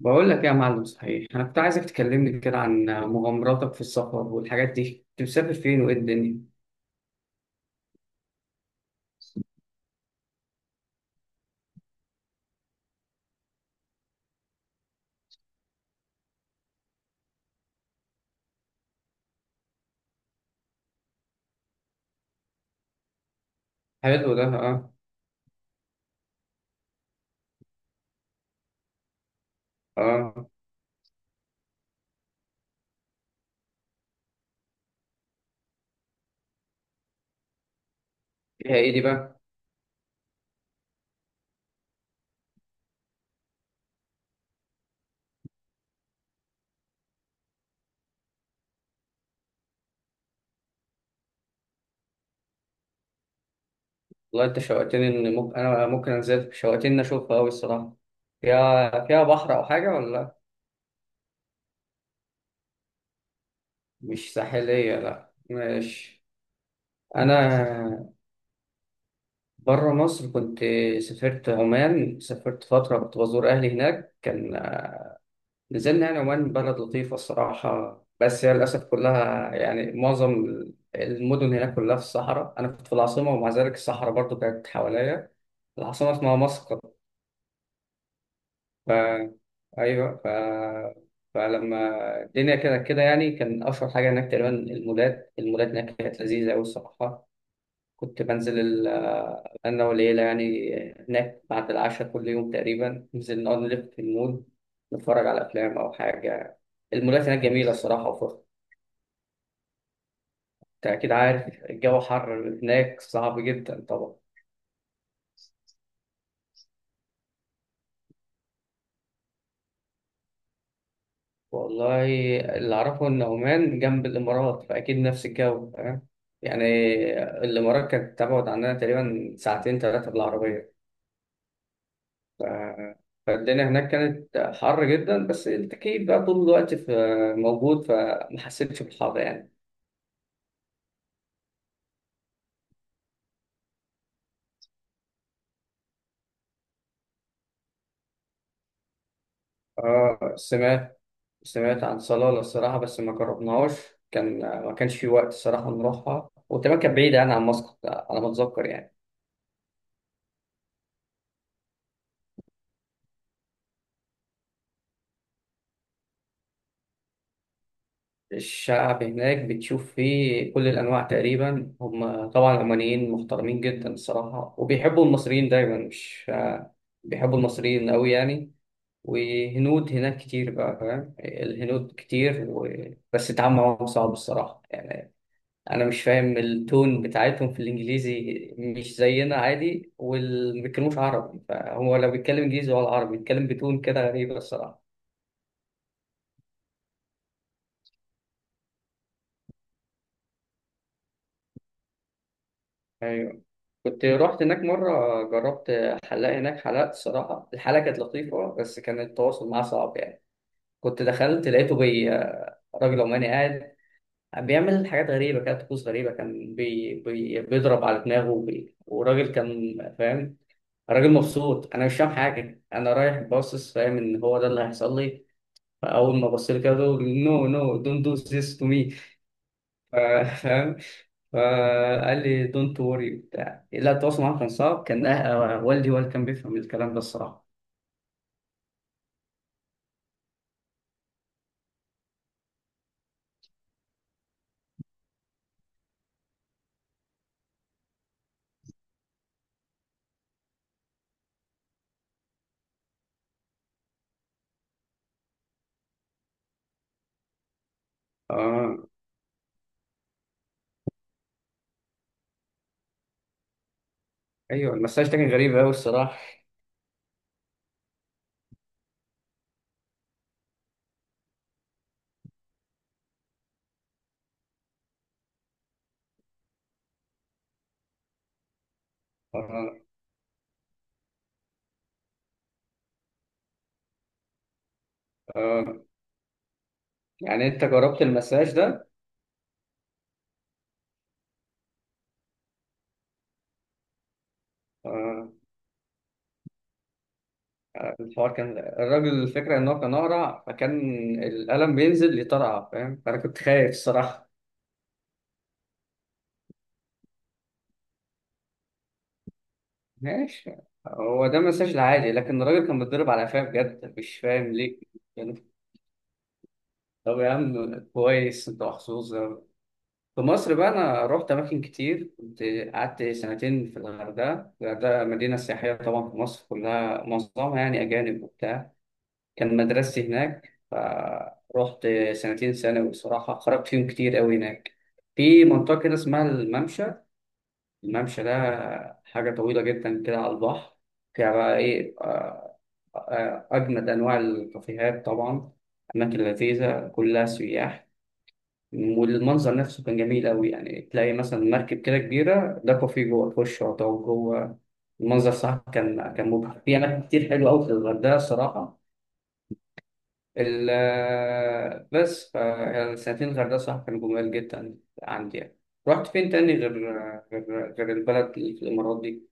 بقول لك إيه يا معلم؟ صحيح انا كنت عايزك تكلمني كده عن مغامراتك في السفر والحاجات دي. كنت مسافر فين وايه الدنيا؟ حلو ده، اه. اه. فيها ايه دي بقى؟ والله انت شوقتني ان ممكن انزل، شوقتني إن اشوفها قوي الصراحه. فيها بحر او حاجه ولا لأ؟ مش ساحليه، لا ماشي. انا بره مصر كنت، سافرت عمان. سافرت فتره كنت بزور اهلي هناك. كان نزلنا يعني. عمان بلد لطيفة الصراحة، بس هي للأسف كلها يعني معظم المدن هناك كلها في الصحراء. أنا كنت في العاصمة ومع ذلك الصحراء برضو كانت حواليا. العاصمة اسمها مسقط. ف... أيوة. فلما الدنيا كده كده يعني، كان أشهر حاجة هناك تقريبا المولات هناك كانت لذيذة أوي الصراحة. كنت بنزل أنا والعيلة يعني هناك بعد العشاء كل يوم تقريبا. ننزل نقعد نلف في المول، نتفرج على أفلام أو حاجة. المولات هناك جميلة الصراحة وفخم. أنت أكيد عارف الجو حر هناك، صعب جدا طبعا. والله، اللي أعرفه إن عمان جنب الإمارات فأكيد نفس الجو، فاهم يعني. الإمارات كانت تبعد عننا تقريبا ساعتين ثلاثة بالعربية. ف- فالدنيا هناك كانت حر جدا بس التكييف بقى طول الوقت في، موجود، فما حسيتش بالحر يعني. آه، سمعت عن صلالة الصراحة بس ما جربناهاش. كان، ما كانش في وقت الصراحة نروحها، وكمان كانت بعيدة يعني عن مسقط على ما أتذكر يعني. الشعب هناك بتشوف فيه كل الأنواع تقريبا. هم طبعا العمانيين محترمين جدا الصراحة وبيحبوا المصريين دايما مش آه، بيحبوا المصريين أوي يعني. وهنود هناك كتير، بقى فاهم؟ الهنود كتير بس التعامل معاهم صعب الصراحة يعني. أنا مش فاهم التون بتاعتهم في الإنجليزي، مش زينا عادي، وما بيتكلموش عربي. فهو لو بيتكلم إنجليزي ولا عربي بيتكلم بتون كده غريبة الصراحة. أيوه، كنت رحت هناك مرة، جربت حلاق هناك. حلقت الصراحة، الحلقة كانت لطيفة بس كان التواصل معاه صعب يعني. كنت دخلت لقيته راجل عماني قاعد بيعمل حاجات غريبة كده، طقوس غريبة. كان بي بي بيضرب على دماغه، وراجل كان فاهم، راجل مبسوط. أنا مش فاهم حاجة، أنا رايح باصص فاهم إن هو ده اللي هيحصل لي. فأول ما بص لي كده: نو نو دونت دو ذيس تو مي، فاهم؟ فقال لي دونت وري بتاع. لا، التواصل معاه كان صعب، كان أه- أه، والدي هو اللي كان بيفهم الكلام ده الصراحة. آه. أيوه المساج ده كان غريب أوي الصراحة. آه. آه، يعني أنت جربت المساج ده؟ آه. الحوار كان، الراجل الفكرة إن هو كان أقرع فكان القلم بينزل يطرقع فاهم، فأنا كنت خايف الصراحة. ماشي، هو ده مساج العادي، لكن الراجل كان بيتضرب على قفاه بجد، مش فاهم ليه. يعني طب يا عم كويس، أنت محظوظ أوي. في مصر بقى أنا رحت أماكن كتير. كنت قعدت سنتين في الغردقة. الغردقة مدينة سياحية طبعا، في مصر كلها معظمها يعني أجانب وبتاع. كان مدرستي هناك فرحت سنتين ثانوي، صراحة خرجت فيهم كتير أوي هناك. في منطقة كده اسمها الممشى. الممشى ده حاجة طويلة جدا كده على البحر، فيها بقى إيه، أجمد أنواع الكافيهات طبعا، أماكن لذيذة كلها سياح. والمنظر نفسه كان جميل أوي يعني، تلاقي مثلا مركب كده كبيرة ده كافيه جوه، في الشاطئ وجوه المنظر صح. كان مبهر في أماكن كتير حلوة أوي في الغردقة الصراحة. ال بس ف يعني سنتين الغردقة صراحة كانوا جمال جدا عندي يعني. رحت فين تاني غير البلد اللي في الإمارات دي؟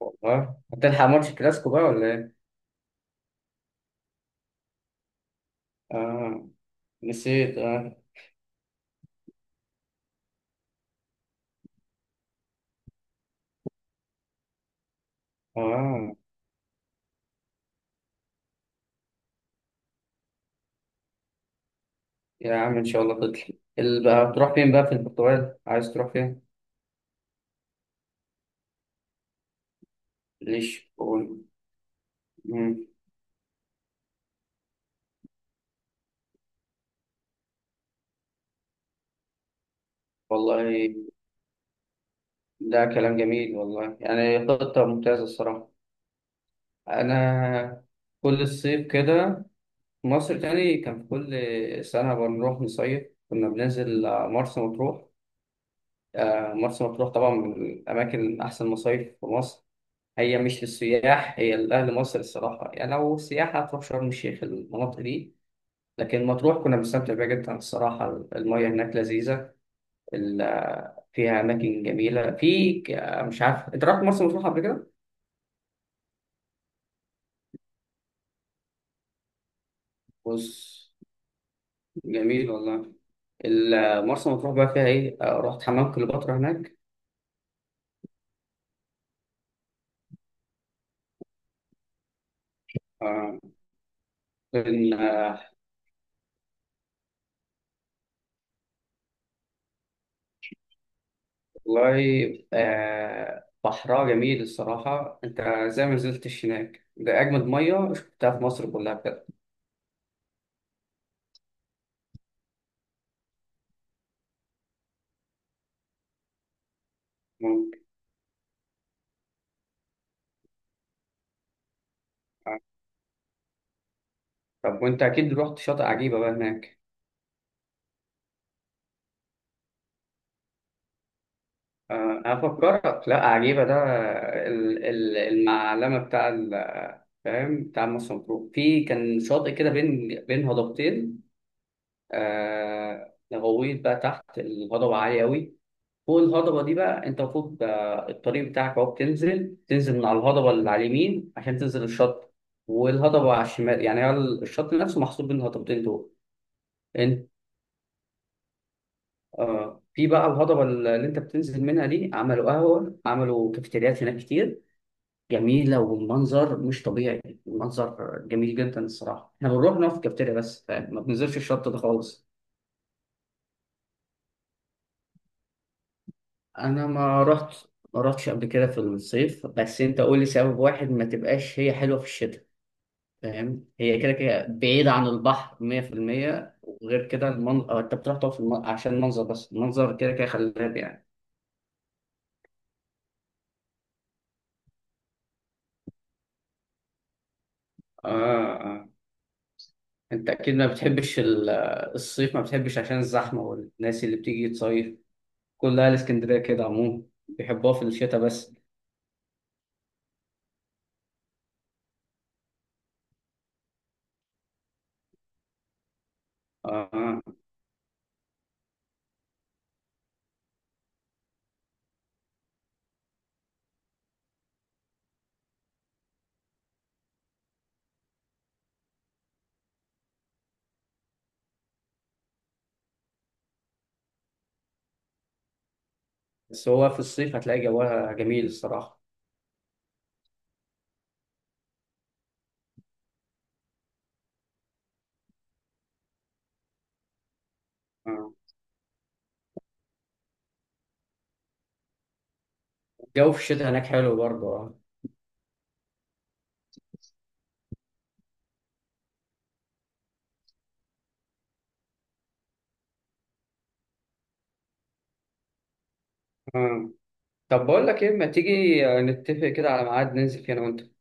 والله هتلحق ماتش كلاسيكو بقى ولا إيه؟ آه، نسيت. آه. آه يا عم إن شاء الله تطلع. بقى هتروح فين بقى في البرتغال؟ عايز تروح فين؟ لشبونة. مم. والله ده كلام جميل والله، يعني خطة ممتازة الصراحة. أنا كل الصيف كده مصر تاني. كان في كل سنة بنروح نصيف. كنا بننزل مرسى مطروح. مرسى مطروح طبعا من الأماكن، أحسن مصايف في مصر. هي مش للسياح، هي لأهل مصر الصراحة، يعني لو سياحة هتروح شرم الشيخ المناطق دي. لكن مطروح كنا بنستمتع بيها جدا الصراحة. المياه هناك لذيذة. فيها أماكن جميلة في مش عارف أنت رحت مرسى مطروح قبل كده؟ بص، جميل والله. مرسى مطروح بقى فيها إيه؟ آه، رحت حمام كليوباترا هناك. آه، كان، والله آه بحرها جميل الصراحة. أنت زي ما نزلتش هناك، ده أجمد مية شفتها في مصر كلها بجد. ممكن. آه. طب وأنت أكيد رحت شاطئ عجيبة بقى هناك. آه، أنا أفكرك، لا عجيبة ده المعلمة بتاع فاهم بتاع مرسى مطروح. في كان شاطئ كده بين هضبتين. آه، غويط بقى تحت، الهضبة عالية أوي. فوق الهضبة دي بقى أنت المفروض، الطريق بتاعك أهو بتنزل، تنزل من على الهضبة اللي على اليمين عشان تنزل الشط. والهضبة على الشمال يعني، هو الشط نفسه محصور بين الهضبتين دول. أنت في بقى الهضبة اللي أنت بتنزل منها دي، عملوا قهوة، عملوا كافيتريات هناك كتير. جميلة والمنظر مش طبيعي، المنظر جميل جدا الصراحة. إحنا بنروح نقف في الكافيتيريا بس، فاهم؟ ما بننزلش الشط ده خالص. أنا ما رحت، ما رحتش قبل كده في الصيف، بس أنت قول لي سبب واحد ما تبقاش هي حلوة في الشتاء. فاهم هي كده كده بعيدة عن البحر 100%، وغير كده المنظر، انت بتروح تقف في الم... عشان المنظر بس، المنظر كده كده خلاب يعني. اه. اه. انت اكيد ما بتحبش الصيف، ما بتحبش عشان الزحمة والناس اللي بتيجي تصيف. كل اهل اسكندرية كده عموما بيحبوها في الشتاء بس. اه. آه. بس هو في الصيف هتلاقي جوها جميل الصراحة. آه. الجو في الشتاء هناك حلو برضه، اه. آه. طب بقول لك ايه، ما تيجي نتفق كده على ميعاد ننزل فيه انا وانت.